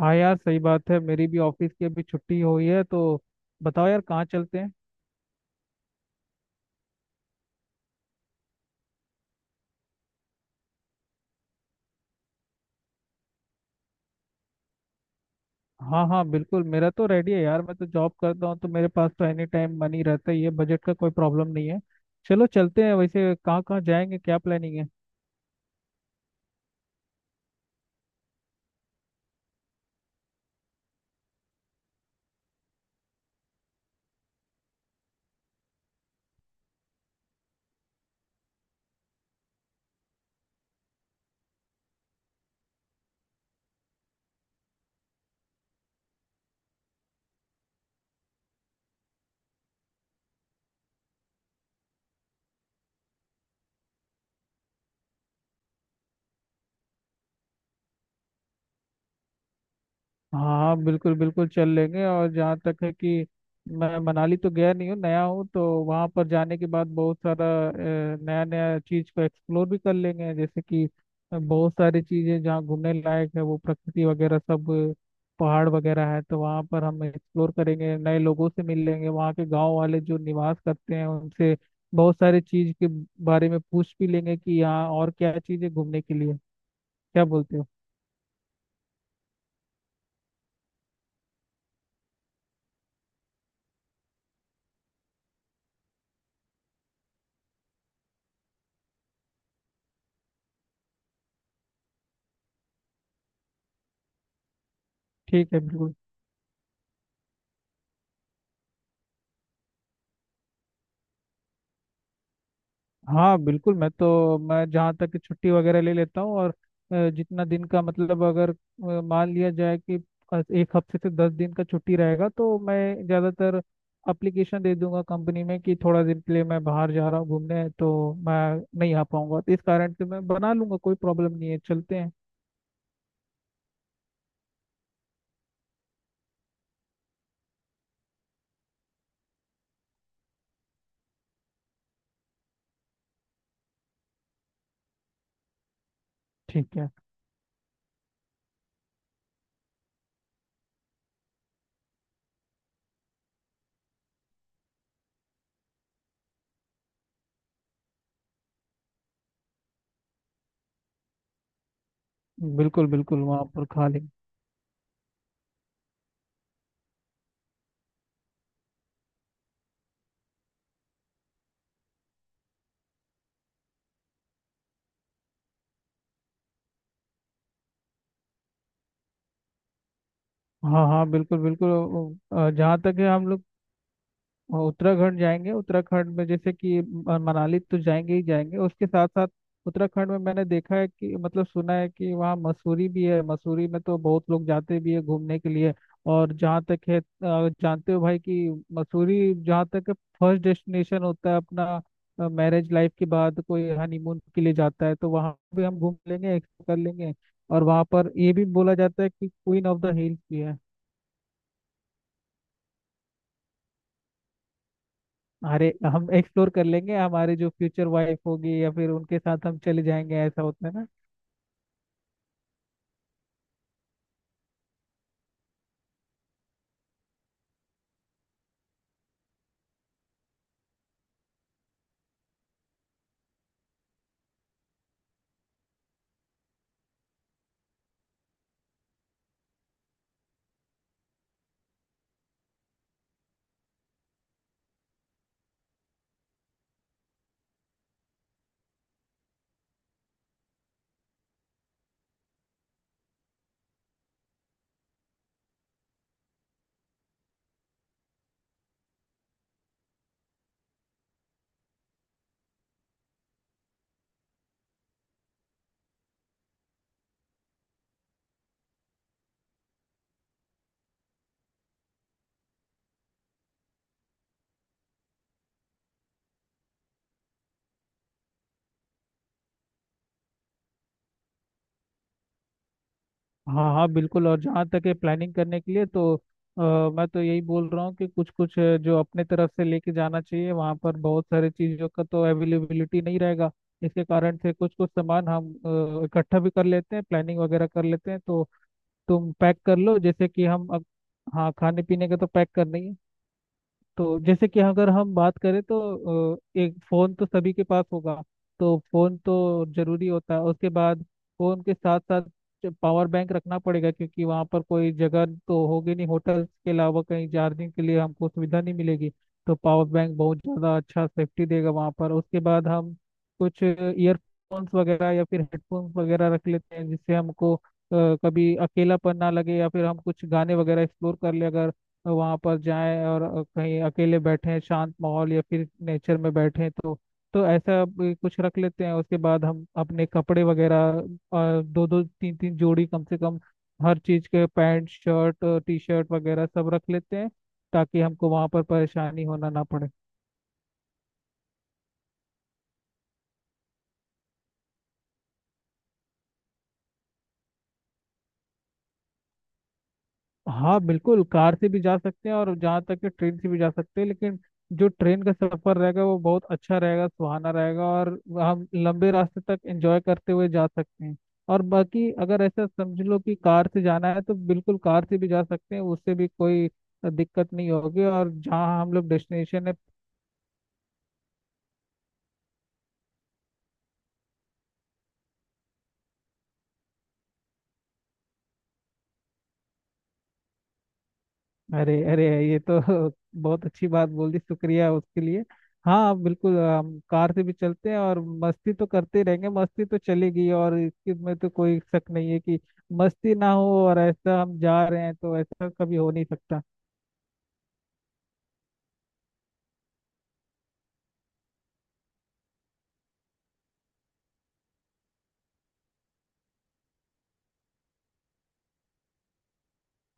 हाँ यार, सही बात है। मेरी भी ऑफिस की अभी छुट्टी हुई है, तो बताओ यार, कहाँ चलते हैं। हाँ हाँ, बिल्कुल मेरा तो रेडी है यार। मैं तो जॉब करता हूँ, तो मेरे पास तो एनी टाइम मनी रहता ही है। बजट का कोई प्रॉब्लम नहीं है। चलो, चलते हैं। वैसे कहाँ कहाँ जाएंगे, क्या प्लानिंग है? हाँ, बिल्कुल बिल्कुल चल लेंगे। और जहाँ तक है कि मैं मनाली तो गया नहीं हूँ, नया हूँ, तो वहाँ पर जाने के बाद बहुत सारा नया नया चीज़ को एक्सप्लोर भी कर लेंगे। जैसे कि बहुत सारी चीज़ें जहाँ घूमने लायक है, वो प्रकृति वगैरह सब, पहाड़ वगैरह है, तो वहाँ पर हम एक्सप्लोर करेंगे, नए लोगों से मिल लेंगे, वहाँ के गांव वाले जो निवास करते हैं उनसे बहुत सारी चीज़ के बारे में पूछ भी लेंगे कि यहाँ और क्या चीज़ें घूमने के लिए। क्या बोलते हो? ठीक है, बिल्कुल। हाँ बिल्कुल, मैं जहाँ तक कि छुट्टी वगैरह ले लेता हूँ। और जितना दिन का मतलब, अगर मान लिया जाए कि एक हफ्ते से 10 दिन का छुट्टी रहेगा, तो मैं ज़्यादातर अप्लीकेशन दे दूंगा कंपनी में कि थोड़ा दिन के लिए मैं बाहर जा रहा हूँ घूमने, तो मैं नहीं आ पाऊंगा। तो इस कारण से मैं बना लूंगा, कोई प्रॉब्लम नहीं है, चलते हैं। ठीक है, बिल्कुल बिल्कुल वहाँ पर खा लेंगे। हाँ हाँ, बिल्कुल बिल्कुल। जहाँ तक है हम लोग और उत्तराखंड जाएंगे, उत्तराखंड में जैसे कि मनाली तो जाएंगे ही जाएंगे, उसके साथ साथ उत्तराखंड में मैंने देखा है कि, मतलब सुना है कि वहाँ मसूरी भी है। मसूरी में तो बहुत लोग जाते भी है घूमने के लिए। और जहाँ तक है, जानते हो भाई कि मसूरी जहाँ तक फर्स्ट डेस्टिनेशन होता है, अपना मैरिज लाइफ के बाद कोई हनीमून के लिए जाता है, तो वहाँ भी हम घूम लेंगे, एक्सप्लोर कर लेंगे। और वहाँ पर ये भी बोला जाता है कि क्वीन ऑफ द हिल्स भी है। अरे, हम एक्सप्लोर कर लेंगे। हमारे जो फ्यूचर वाइफ होगी, या फिर उनके साथ हम चले जाएंगे, ऐसा होता है ना। हाँ हाँ, बिल्कुल। और जहाँ तक है प्लानिंग करने के लिए, तो मैं तो यही बोल रहा हूँ कि कुछ कुछ जो अपने तरफ से लेके जाना चाहिए, वहाँ पर बहुत सारे चीज़ों का तो अवेलेबिलिटी नहीं रहेगा। इसके कारण से कुछ कुछ सामान हम इकट्ठा भी कर लेते हैं, प्लानिंग वगैरह कर लेते हैं। तो तुम पैक कर लो जैसे कि हम अब। हाँ, खाने पीने का तो पैक करना ही है। तो जैसे कि अगर हम बात करें तो एक फोन तो सभी के पास होगा, तो फोन तो जरूरी होता है। उसके बाद फोन के साथ साथ पावर बैंक रखना पड़ेगा, क्योंकि वहाँ पर कोई जगह तो होगी नहीं होटल के अलावा कहीं चार्जिंग के लिए, हमको सुविधा नहीं मिलेगी। तो पावर बैंक बहुत ज़्यादा अच्छा सेफ्टी देगा वहाँ पर। उसके बाद हम कुछ ईयरफोन्स वगैरह या फिर हेडफोन्स वगैरह रख लेते हैं, जिससे हमको कभी अकेलापन ना लगे, या फिर हम कुछ गाने वगैरह एक्सप्लोर कर ले, अगर तो वहाँ पर जाएं और कहीं अकेले बैठें शांत माहौल या फिर नेचर में बैठें, तो ऐसा भी कुछ रख लेते हैं। उसके बाद हम अपने कपड़े वगैरह दो दो तीन तीन जोड़ी कम से कम हर चीज़ के पैंट शर्ट, टी शर्ट वगैरह सब रख लेते हैं, ताकि हमको वहाँ पर परेशानी होना ना पड़े। हाँ बिल्कुल, कार से भी जा सकते हैं। और जहाँ तक कि ट्रेन से भी जा सकते हैं, लेकिन जो ट्रेन का सफर रहेगा वो बहुत अच्छा रहेगा, सुहाना रहेगा, और हम लंबे रास्ते तक एंजॉय करते हुए जा सकते हैं। और बाकी अगर ऐसा समझ लो कि कार से जाना है, तो बिल्कुल कार से भी जा सकते हैं, उससे भी कोई दिक्कत नहीं होगी। और जहाँ हम लोग डेस्टिनेशन है। अरे अरे, ये तो बहुत अच्छी बात बोल दी। शुक्रिया उसके लिए। हाँ बिल्कुल, हम कार से भी चलते हैं। और मस्ती तो करते ही रहेंगे, मस्ती तो चलेगी। और इसकी में तो कोई शक नहीं है कि मस्ती ना हो, और ऐसा हम जा रहे हैं तो ऐसा कभी हो नहीं सकता।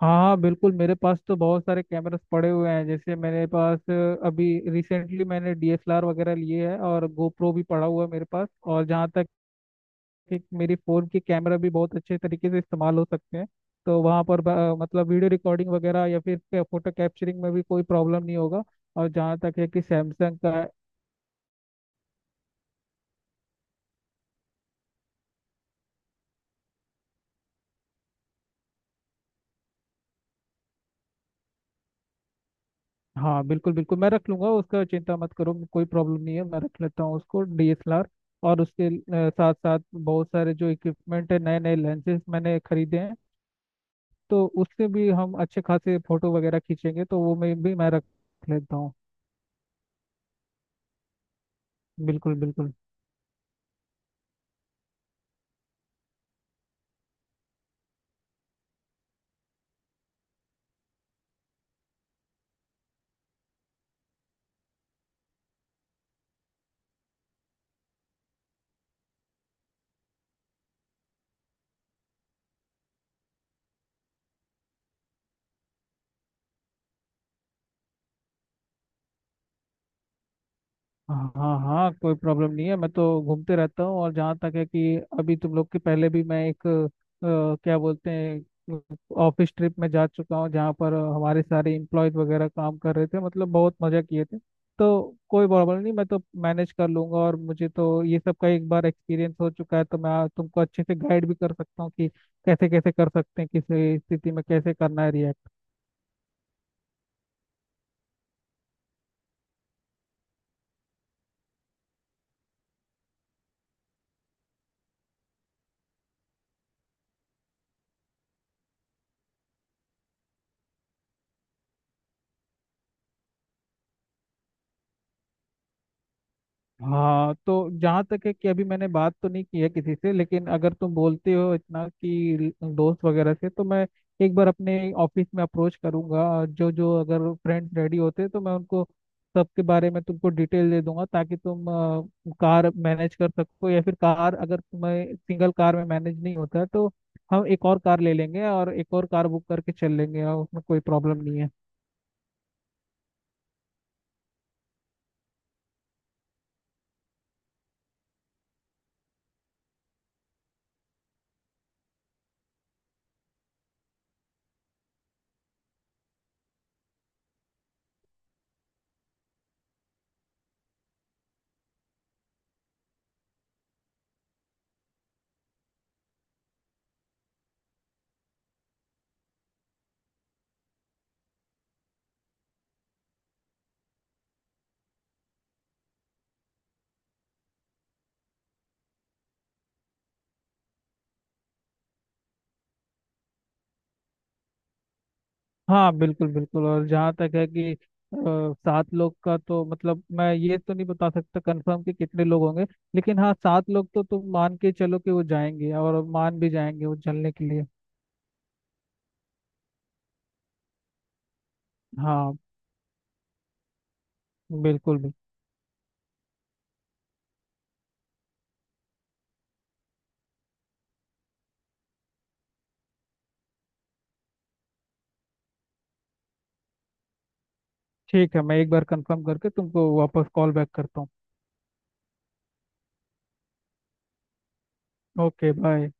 हाँ हाँ, बिल्कुल। मेरे पास तो बहुत सारे कैमरास पड़े हुए हैं। जैसे मेरे पास अभी रिसेंटली मैंने डीएसएलआर वगैरह लिए है, और गोप्रो भी पड़ा हुआ है मेरे पास। और जहाँ तक कि मेरी फ़ोन के कैमरा भी बहुत अच्छे तरीके से इस्तेमाल हो सकते हैं, तो वहाँ पर मतलब वीडियो रिकॉर्डिंग वगैरह या फिर फ़ोटो कैप्चरिंग में भी कोई प्रॉब्लम नहीं होगा। और जहाँ तक है कि सैमसंग का। हाँ बिल्कुल बिल्कुल, मैं रख लूँगा उसका, चिंता मत करो। कोई प्रॉब्लम नहीं है, मैं रख लेता हूँ उसको डीएसएलआर। और उसके साथ साथ बहुत सारे जो इक्विपमेंट है, नए नए लेंसेज मैंने खरीदे हैं, तो उससे भी हम अच्छे खासे फ़ोटो वगैरह खींचेंगे। तो वो मैं रख लेता हूँ। बिल्कुल बिल्कुल। हाँ हाँ, कोई प्रॉब्लम नहीं है। मैं तो घूमते रहता हूँ। और जहाँ तक है कि अभी तुम लोग के पहले भी मैं एक क्या बोलते हैं, ऑफिस ट्रिप में जा चुका हूँ, जहाँ पर हमारे सारे इम्प्लॉयज वगैरह काम कर रहे थे, मतलब बहुत मज़ा किए थे। तो कोई प्रॉब्लम नहीं, मैं तो मैनेज कर लूंगा। और मुझे तो ये सब का एक बार एक्सपीरियंस हो चुका है, तो मैं तुमको अच्छे से गाइड भी कर सकता हूँ कि कैसे कैसे कर सकते हैं, किस स्थिति में कैसे करना है react। हाँ, तो जहाँ तक है कि अभी मैंने बात तो नहीं की है किसी से, लेकिन अगर तुम बोलते हो इतना कि दोस्त वगैरह से, तो मैं एक बार अपने ऑफिस में अप्रोच करूंगा। जो जो अगर फ्रेंड रेडी होते हैं, तो मैं उनको सबके बारे में तुमको डिटेल दे दूंगा, ताकि तुम कार मैनेज कर सको। या फिर कार, अगर तुम्हें सिंगल कार में मैनेज नहीं होता है, तो हम एक और कार ले लेंगे, और एक और कार बुक करके चल लेंगे, और उसमें कोई प्रॉब्लम नहीं है। हाँ बिल्कुल बिल्कुल। और जहाँ तक है कि सात लोग का तो मतलब, मैं ये तो नहीं बता सकता कंफर्म कि कितने लोग होंगे, लेकिन हाँ, सात लोग तो तुम मान के चलो कि वो जाएंगे, और मान भी जाएंगे वो चलने के लिए। हाँ, बिल्कुल भी। ठीक है, मैं एक बार कंफर्म करके तुमको वापस कॉल बैक करता हूँ। Okay, bye.